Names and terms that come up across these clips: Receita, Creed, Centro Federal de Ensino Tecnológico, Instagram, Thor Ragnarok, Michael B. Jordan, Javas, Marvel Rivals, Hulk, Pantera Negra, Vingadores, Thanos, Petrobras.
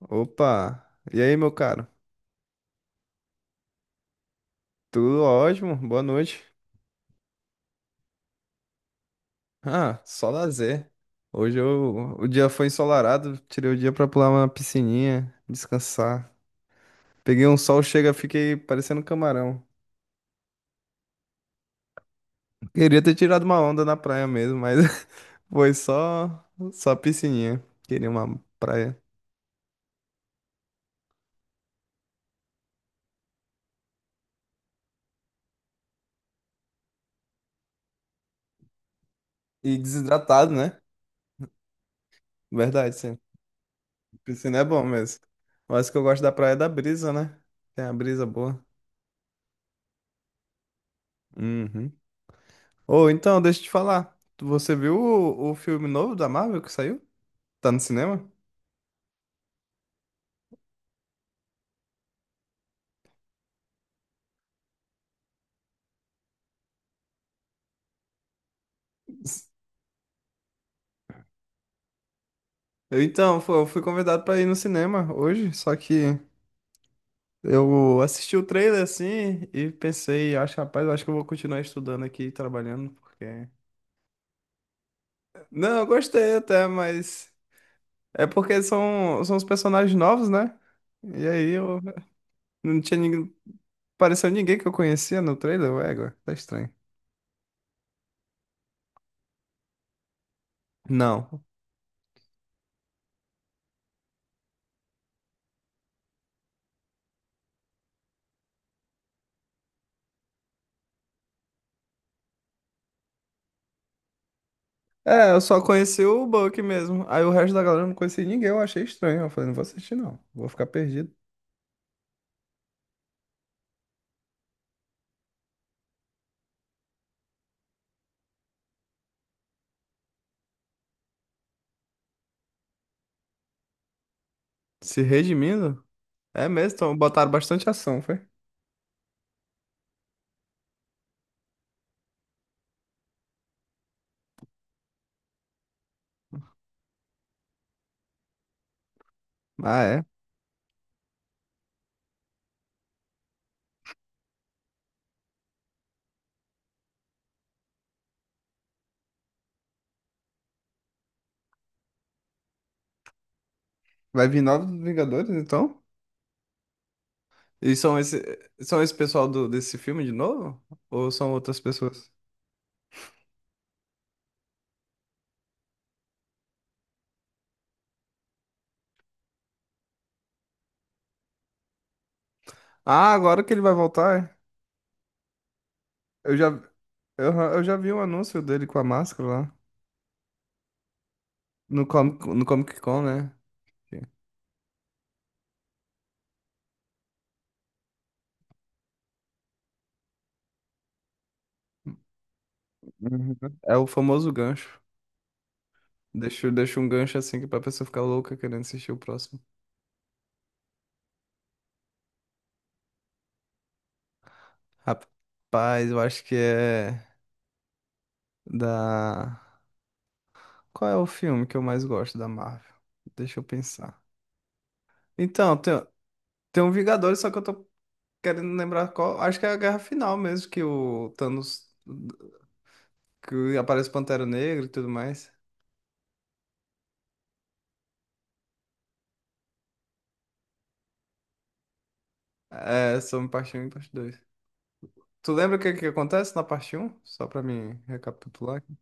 Opa! E aí, meu caro? Tudo ótimo? Boa noite. Ah, só lazer. O dia foi ensolarado, tirei o dia pra pular uma piscininha, descansar. Peguei um sol, chega, fiquei parecendo um camarão. Queria ter tirado uma onda na praia mesmo, mas foi só piscininha. Queria uma praia. E desidratado, né? Verdade, sim. Piscina é bom mesmo. Mas o que eu gosto da praia é da brisa, né? Tem a brisa boa. Uhum. Ou então, deixa eu te falar. Você viu o filme novo da Marvel que saiu? Tá no cinema? Eu, então, fu- eu fui convidado pra ir no cinema hoje, só que eu assisti o trailer assim e pensei, acho, rapaz, eu acho que eu vou continuar estudando aqui, e trabalhando, porque. Não, eu gostei até, mas é porque são os personagens novos, né? E aí eu não tinha ninguém. Pareceu ninguém que eu conhecia no trailer, ué, agora tá estranho. Não. É, eu só conheci o Buck mesmo. Aí o resto da galera eu não conhecia ninguém, eu achei estranho. Eu falei, não vou assistir não, vou ficar perdido. Se redimindo? É mesmo, então botaram bastante ação, foi? Ah, é. Vai vir novos Vingadores, então? E são esse pessoal desse filme de novo? Ou são outras pessoas? Ah, agora que ele vai voltar, é? Eu já vi um anúncio dele com a máscara lá. No Comic Con, né? Uhum. É o famoso gancho. Deixa um gancho assim que é pra pessoa ficar louca querendo assistir o próximo. Rapaz, eu acho que é da. Qual é o filme que eu mais gosto da Marvel? Deixa eu pensar. Então, tem, tem um Vingadores, só que eu tô querendo lembrar qual. Acho que é a Guerra Final mesmo, que o Thanos. Que aparece Pantera Negra e tudo mais. É, sobre parte um e parte 2. Tu lembra o que acontece na parte um? Só pra mim recapitular aqui.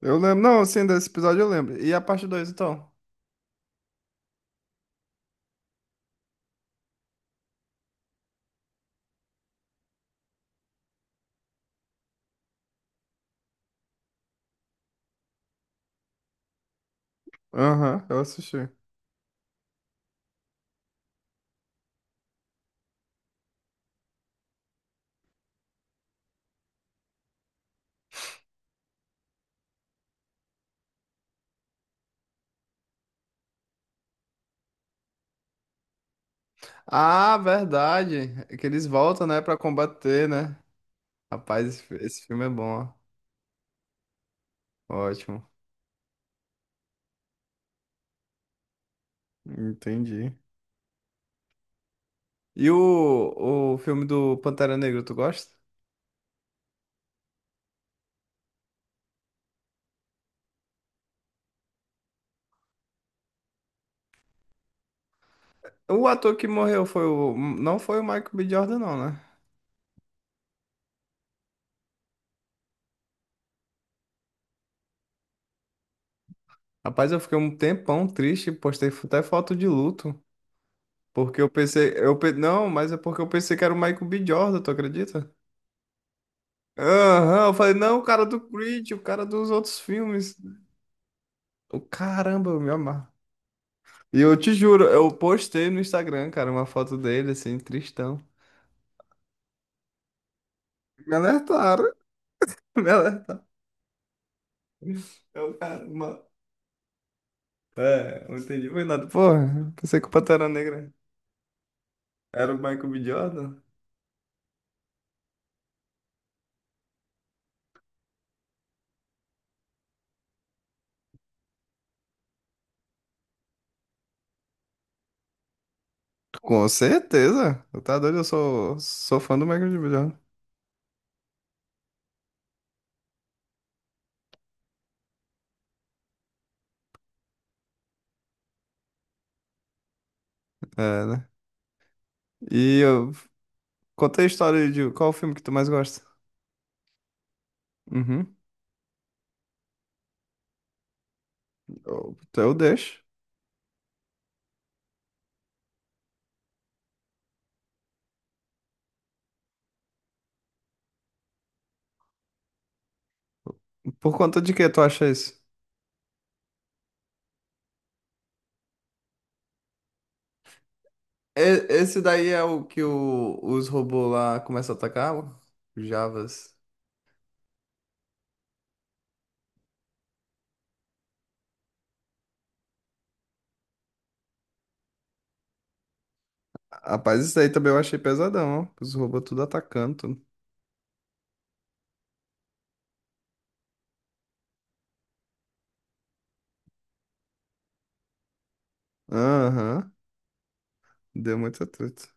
Eu lembro, não, sim, desse episódio eu lembro. E a parte dois então? Aham, eu assisti. Ah, verdade. É que eles voltam, né, pra combater, né? Rapaz, esse filme é bom, ó. Ótimo. Entendi. E o filme do Pantera Negra, tu gosta? O ator que morreu foi o. Não foi o Michael B. Jordan, não, né? Rapaz, eu fiquei um tempão triste, postei até foto de luto. Porque eu pensei. Não, mas é porque eu pensei que era o Michael B. Jordan, tu acredita? Aham, eu falei, não, o cara do Creed, o cara dos outros filmes. O caramba, eu me amarro. E eu te juro, eu postei no Instagram, cara, uma foto dele, assim, tristão. Me alertaram. Ela tá. Eu, cara, uma... É, não entendi, foi nada. Porra, pensei que o Pantera Negra era o Michael B. Jordan. Com certeza. Eu tá doido, eu sou fã do Michael B. Jordan. É, né? E eu contei a história de qual o filme que tu mais gosta. Uhum. Eu deixo. Por conta de que tu acha isso? Esse daí é o que os robôs lá começam a atacar, ó? Os Javas. Rapaz, isso daí também eu achei pesadão, ó. Os robôs tudo atacando, tudo. Aham. Deu muita treta.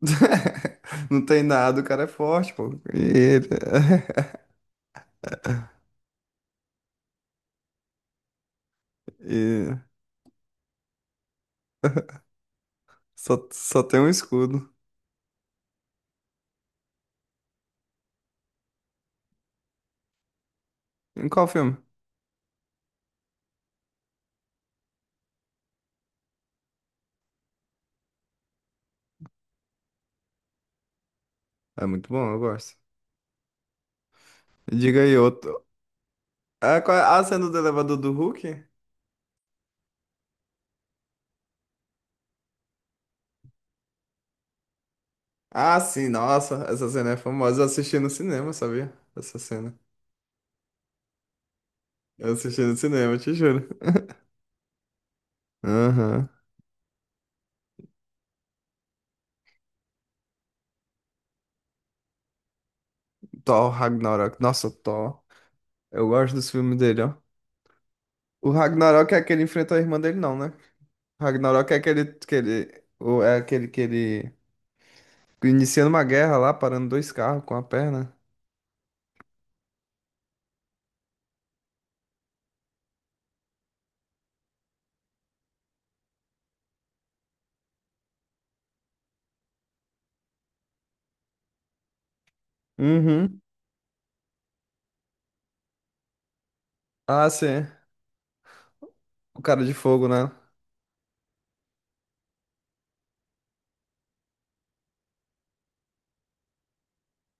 Não tem nada, o cara é forte, pô. E ele... e só tem um escudo. Em qual filme? É muito bom, eu gosto. Diga aí outro. Ah, qual é a cena do elevador do Hulk? Ah, sim, nossa, essa cena é famosa. Eu assisti no cinema, sabia? Essa cena. Eu assisti no cinema, te juro. Aham. Thor Ragnarok. Nossa, Thor. Eu gosto dos filmes dele, ó. O Ragnarok é aquele que ele enfrenta a irmã dele, não, né? Ragnarok é é aquele que ele iniciando uma guerra lá, parando dois carros com a perna. Uhum. Ah, sim. O cara de fogo, né?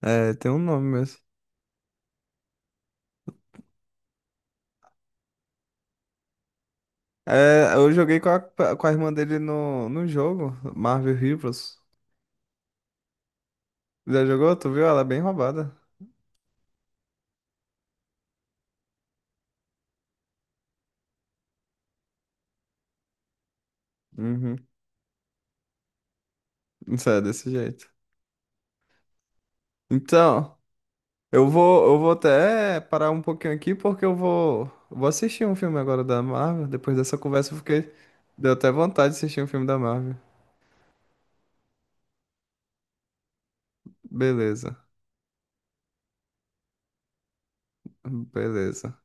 É, tem um nome mesmo. É, eu joguei com com a irmã dele no jogo, Marvel Rivals. Já jogou? Tu viu? Ela é bem roubada. Uhum. Isso é desse jeito. Então, eu vou até parar um pouquinho aqui porque vou assistir um filme agora da Marvel. Depois dessa conversa, eu fiquei. Deu até vontade de assistir um filme da Marvel. Beleza, beleza.